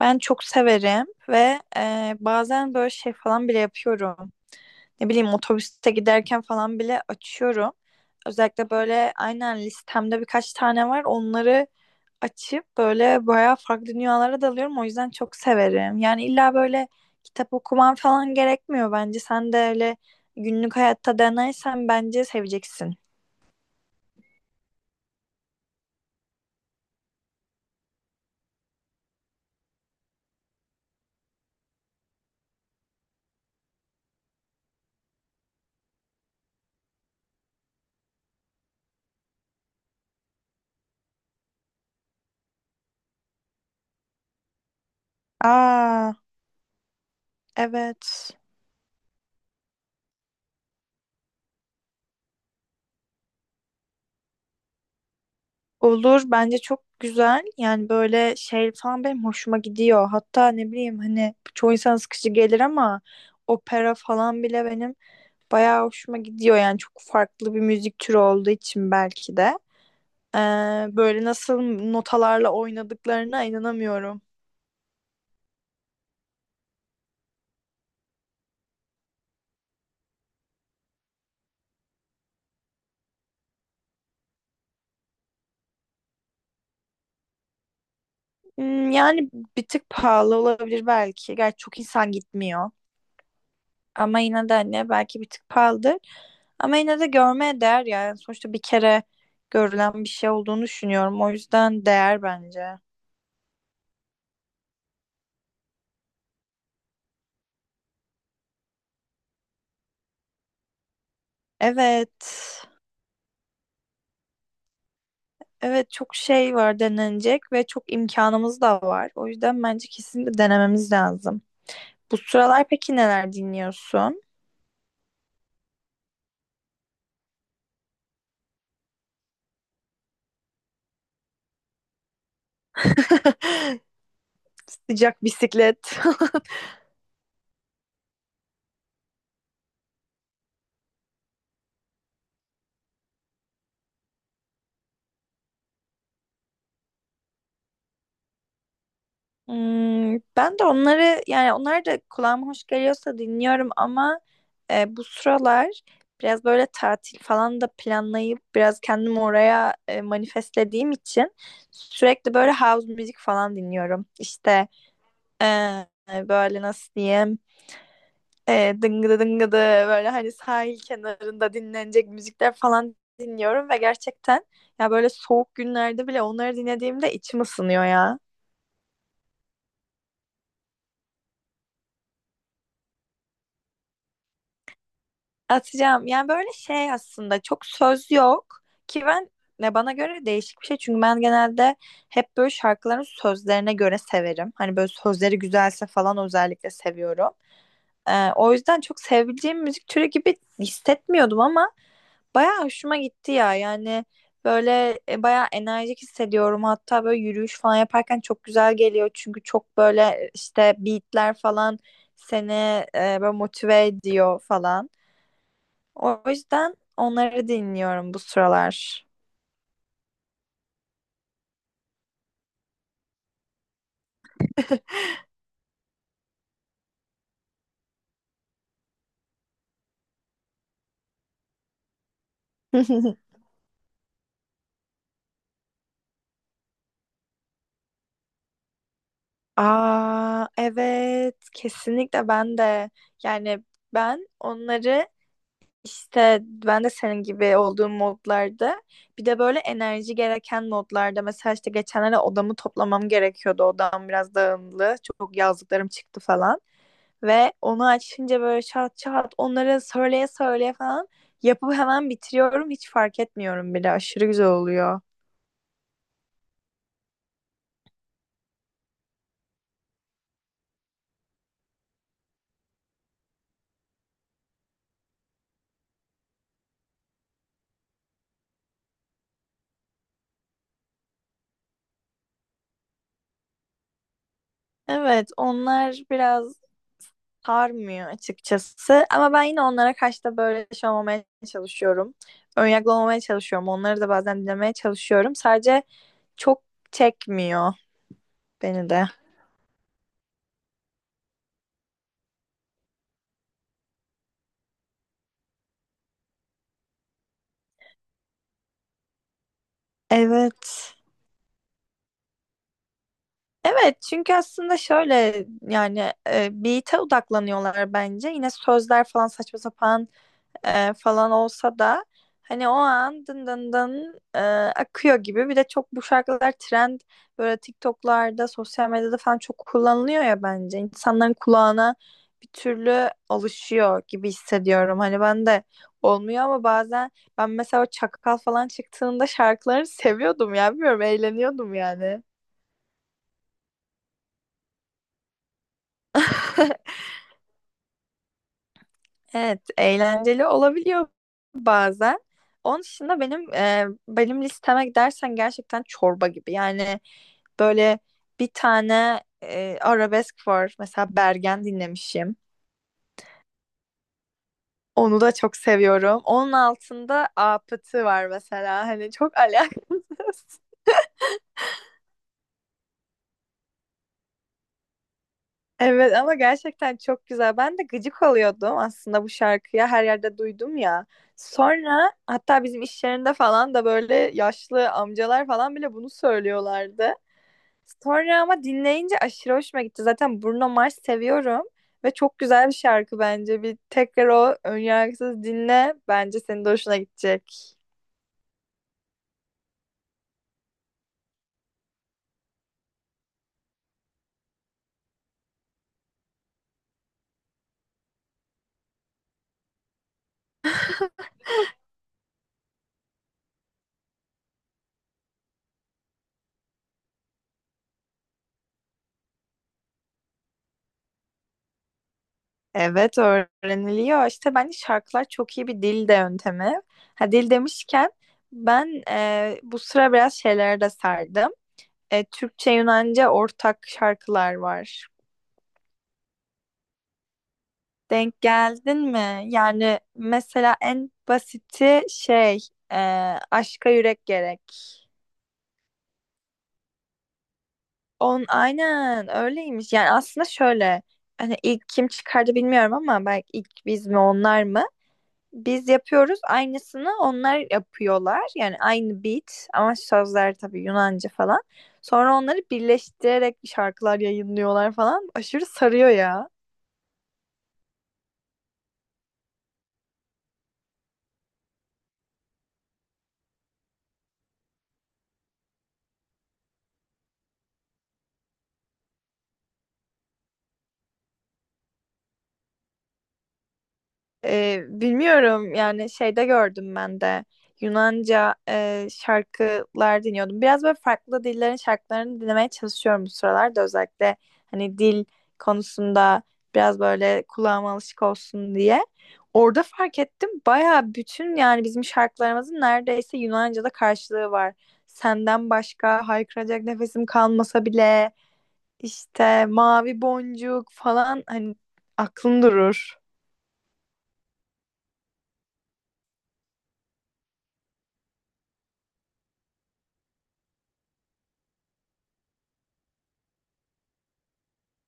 Ben çok severim ve bazen böyle şey falan bile yapıyorum. Ne bileyim otobüste giderken falan bile açıyorum. Özellikle böyle aynen listemde birkaç tane var. Onları açıp böyle bayağı farklı dünyalara dalıyorum. O yüzden çok severim. Yani illa böyle kitap okuman falan gerekmiyor bence. Sen de öyle günlük hayatta denersen bence seveceksin. Aa, evet. Olur bence çok güzel yani böyle şey falan benim hoşuma gidiyor, hatta ne bileyim, hani çoğu insan sıkıcı gelir ama opera falan bile benim bayağı hoşuma gidiyor yani çok farklı bir müzik türü olduğu için belki de. Ee, Böyle nasıl notalarla oynadıklarına inanamıyorum. Hmm, yani bir tık pahalı olabilir belki, gerçi çok insan gitmiyor. Ama yine de hani belki bir tık pahalıdır. Ama yine de görmeye değer yani. Sonuçta bir kere görülen bir şey olduğunu düşünüyorum. O yüzden değer bence. Evet. Evet çok şey var denenecek ve çok imkanımız da var. O yüzden bence kesinlikle denememiz lazım. Bu sıralar peki neler dinliyorsun? Sıcak bisiklet. Hmm, ben de onları yani onlar da kulağıma hoş geliyorsa dinliyorum ama bu sıralar biraz böyle tatil falan da planlayıp biraz kendimi oraya manifestlediğim için sürekli böyle house müzik falan dinliyorum. İşte e, böyle nasıl diyeyim, dıngıdı dıngıdı, böyle hani sahil kenarında dinlenecek müzikler falan dinliyorum ve gerçekten ya böyle soğuk günlerde bile onları dinlediğimde içim ısınıyor ya. Atacağım. Yani böyle şey aslında çok söz yok ki ben, ne, bana göre değişik bir şey. Çünkü ben genelde hep böyle şarkıların sözlerine göre severim. Hani böyle sözleri güzelse falan özellikle seviyorum. O yüzden çok sevebileceğim müzik türü gibi hissetmiyordum ama bayağı hoşuma gitti ya. Yani böyle bayağı enerjik hissediyorum. Hatta böyle yürüyüş falan yaparken çok güzel geliyor. Çünkü çok böyle işte beatler falan seni böyle motive ediyor falan. O yüzden onları dinliyorum bu sıralar. Aa evet, kesinlikle ben de yani ben onları, işte ben de senin gibi olduğum modlarda, bir de böyle enerji gereken modlarda, mesela işte geçenlerde odamı toplamam gerekiyordu, odam biraz dağınıktı, çok yazdıklarım çıktı falan ve onu açınca böyle çat çat onları söyleye söyleye falan yapıp hemen bitiriyorum, hiç fark etmiyorum bile, aşırı güzel oluyor. Evet, onlar biraz sarmıyor açıkçası. Ama ben yine onlara karşı da böyle şey olmamaya çalışıyorum. Önyargılı olmamaya çalışıyorum. Onları da bazen dinlemeye çalışıyorum. Sadece çok çekmiyor beni de. Evet. Evet, çünkü aslında şöyle yani beat'e odaklanıyorlar bence. Yine sözler falan saçma sapan falan olsa da hani o an dın dın dın, akıyor gibi. Bir de çok bu şarkılar trend, böyle TikTok'larda, sosyal medyada falan çok kullanılıyor ya bence. İnsanların kulağına bir türlü alışıyor gibi hissediyorum. Hani ben de olmuyor ama bazen ben mesela o Çakal falan çıktığında şarkılarını seviyordum ya. Bilmiyorum, eğleniyordum yani. Evet, eğlenceli olabiliyor bazen. Onun dışında benim benim listeme dersen gerçekten çorba gibi. Yani böyle bir tane arabesk var. Mesela Bergen dinlemişim. Onu da çok seviyorum. Onun altında Apıtı var mesela. Hani çok alakasız. Evet ama gerçekten çok güzel. Ben de gıcık oluyordum aslında bu şarkıya. Her yerde duydum ya. Sonra hatta bizim iş yerinde falan da böyle yaşlı amcalar falan bile bunu söylüyorlardı. Sonra ama dinleyince aşırı hoşuma gitti. Zaten Bruno Mars seviyorum ve çok güzel bir şarkı bence. Bir tekrar o önyargısız dinle. Bence senin de hoşuna gidecek. Evet öğreniliyor. İşte bence şarkılar çok iyi bir dil de yöntemi. Ha, dil demişken ben bu sıra biraz şeylere de sardım. Türkçe Yunanca ortak şarkılar var. Denk geldin mi? Yani mesela en basiti şey, e, Aşka Yürek Gerek. On aynen öyleymiş. Yani aslında şöyle, hani ilk kim çıkardı bilmiyorum ama belki ilk biz mi onlar mı? Biz yapıyoruz aynısını, onlar yapıyorlar. Yani aynı beat ama sözler tabii Yunanca falan. Sonra onları birleştirerek şarkılar yayınlıyorlar falan. Aşırı sarıyor ya. Bilmiyorum yani, şeyde gördüm ben de Yunanca şarkılar dinliyordum. Biraz böyle farklı dillerin şarkılarını dinlemeye çalışıyorum bu sıralarda, özellikle hani dil konusunda biraz böyle kulağıma alışık olsun diye. Orada fark ettim, baya bütün yani bizim şarkılarımızın neredeyse Yunanca'da karşılığı var. Senden başka haykıracak nefesim kalmasa bile, işte mavi boncuk falan, hani aklın durur.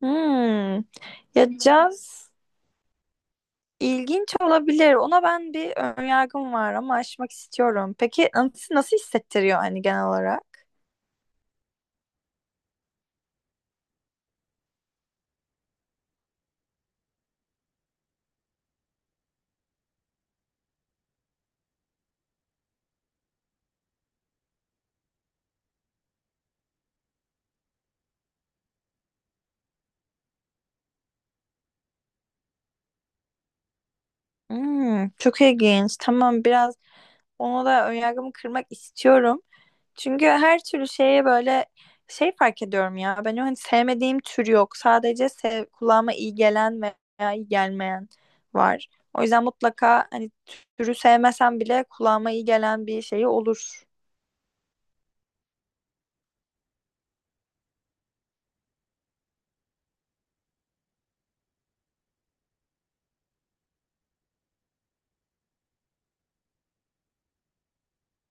Hmm. Ya caz ilginç olabilir. Ona ben, bir önyargım var ama aşmak istiyorum. Peki nasıl, nasıl hissettiriyor hani genel olarak? Hmm, çok ilginç. Tamam, biraz ona da önyargımı kırmak istiyorum. Çünkü her türlü şeye böyle şey fark ediyorum ya. Ben o, hani sevmediğim tür yok. Sadece sev, kulağıma iyi gelen veya iyi gelmeyen var. O yüzden mutlaka, hani türü sevmesem bile, kulağıma iyi gelen bir şey olur.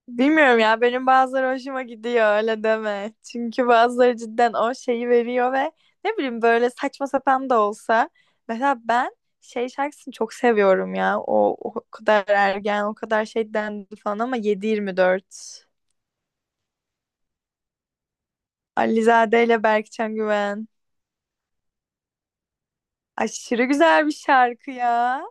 Bilmiyorum ya, benim bazıları hoşuma gidiyor, öyle deme. Çünkü bazıları cidden o şeyi veriyor ve ne bileyim böyle saçma sapan da olsa. Mesela ben şey şarkısını çok seviyorum ya. O, o kadar ergen, o kadar şey dendi falan ama 7 dört Alizade ile Berkcan Güven. Aşırı güzel bir şarkı ya.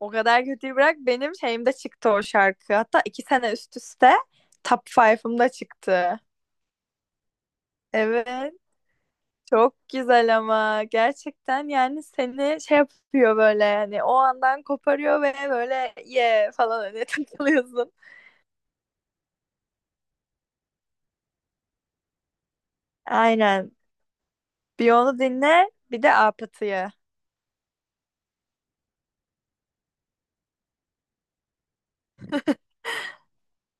O kadar kötüyü bırak, benim şeyimde çıktı o şarkı. Hatta iki sene üst üste Top 5'ımda çıktı. Evet. Çok güzel ama gerçekten yani seni şey yapıyor, böyle yani o andan koparıyor ve böyle ye falan öyle takılıyorsun. Aynen. Bir onu dinle, bir de Apıtı'yı.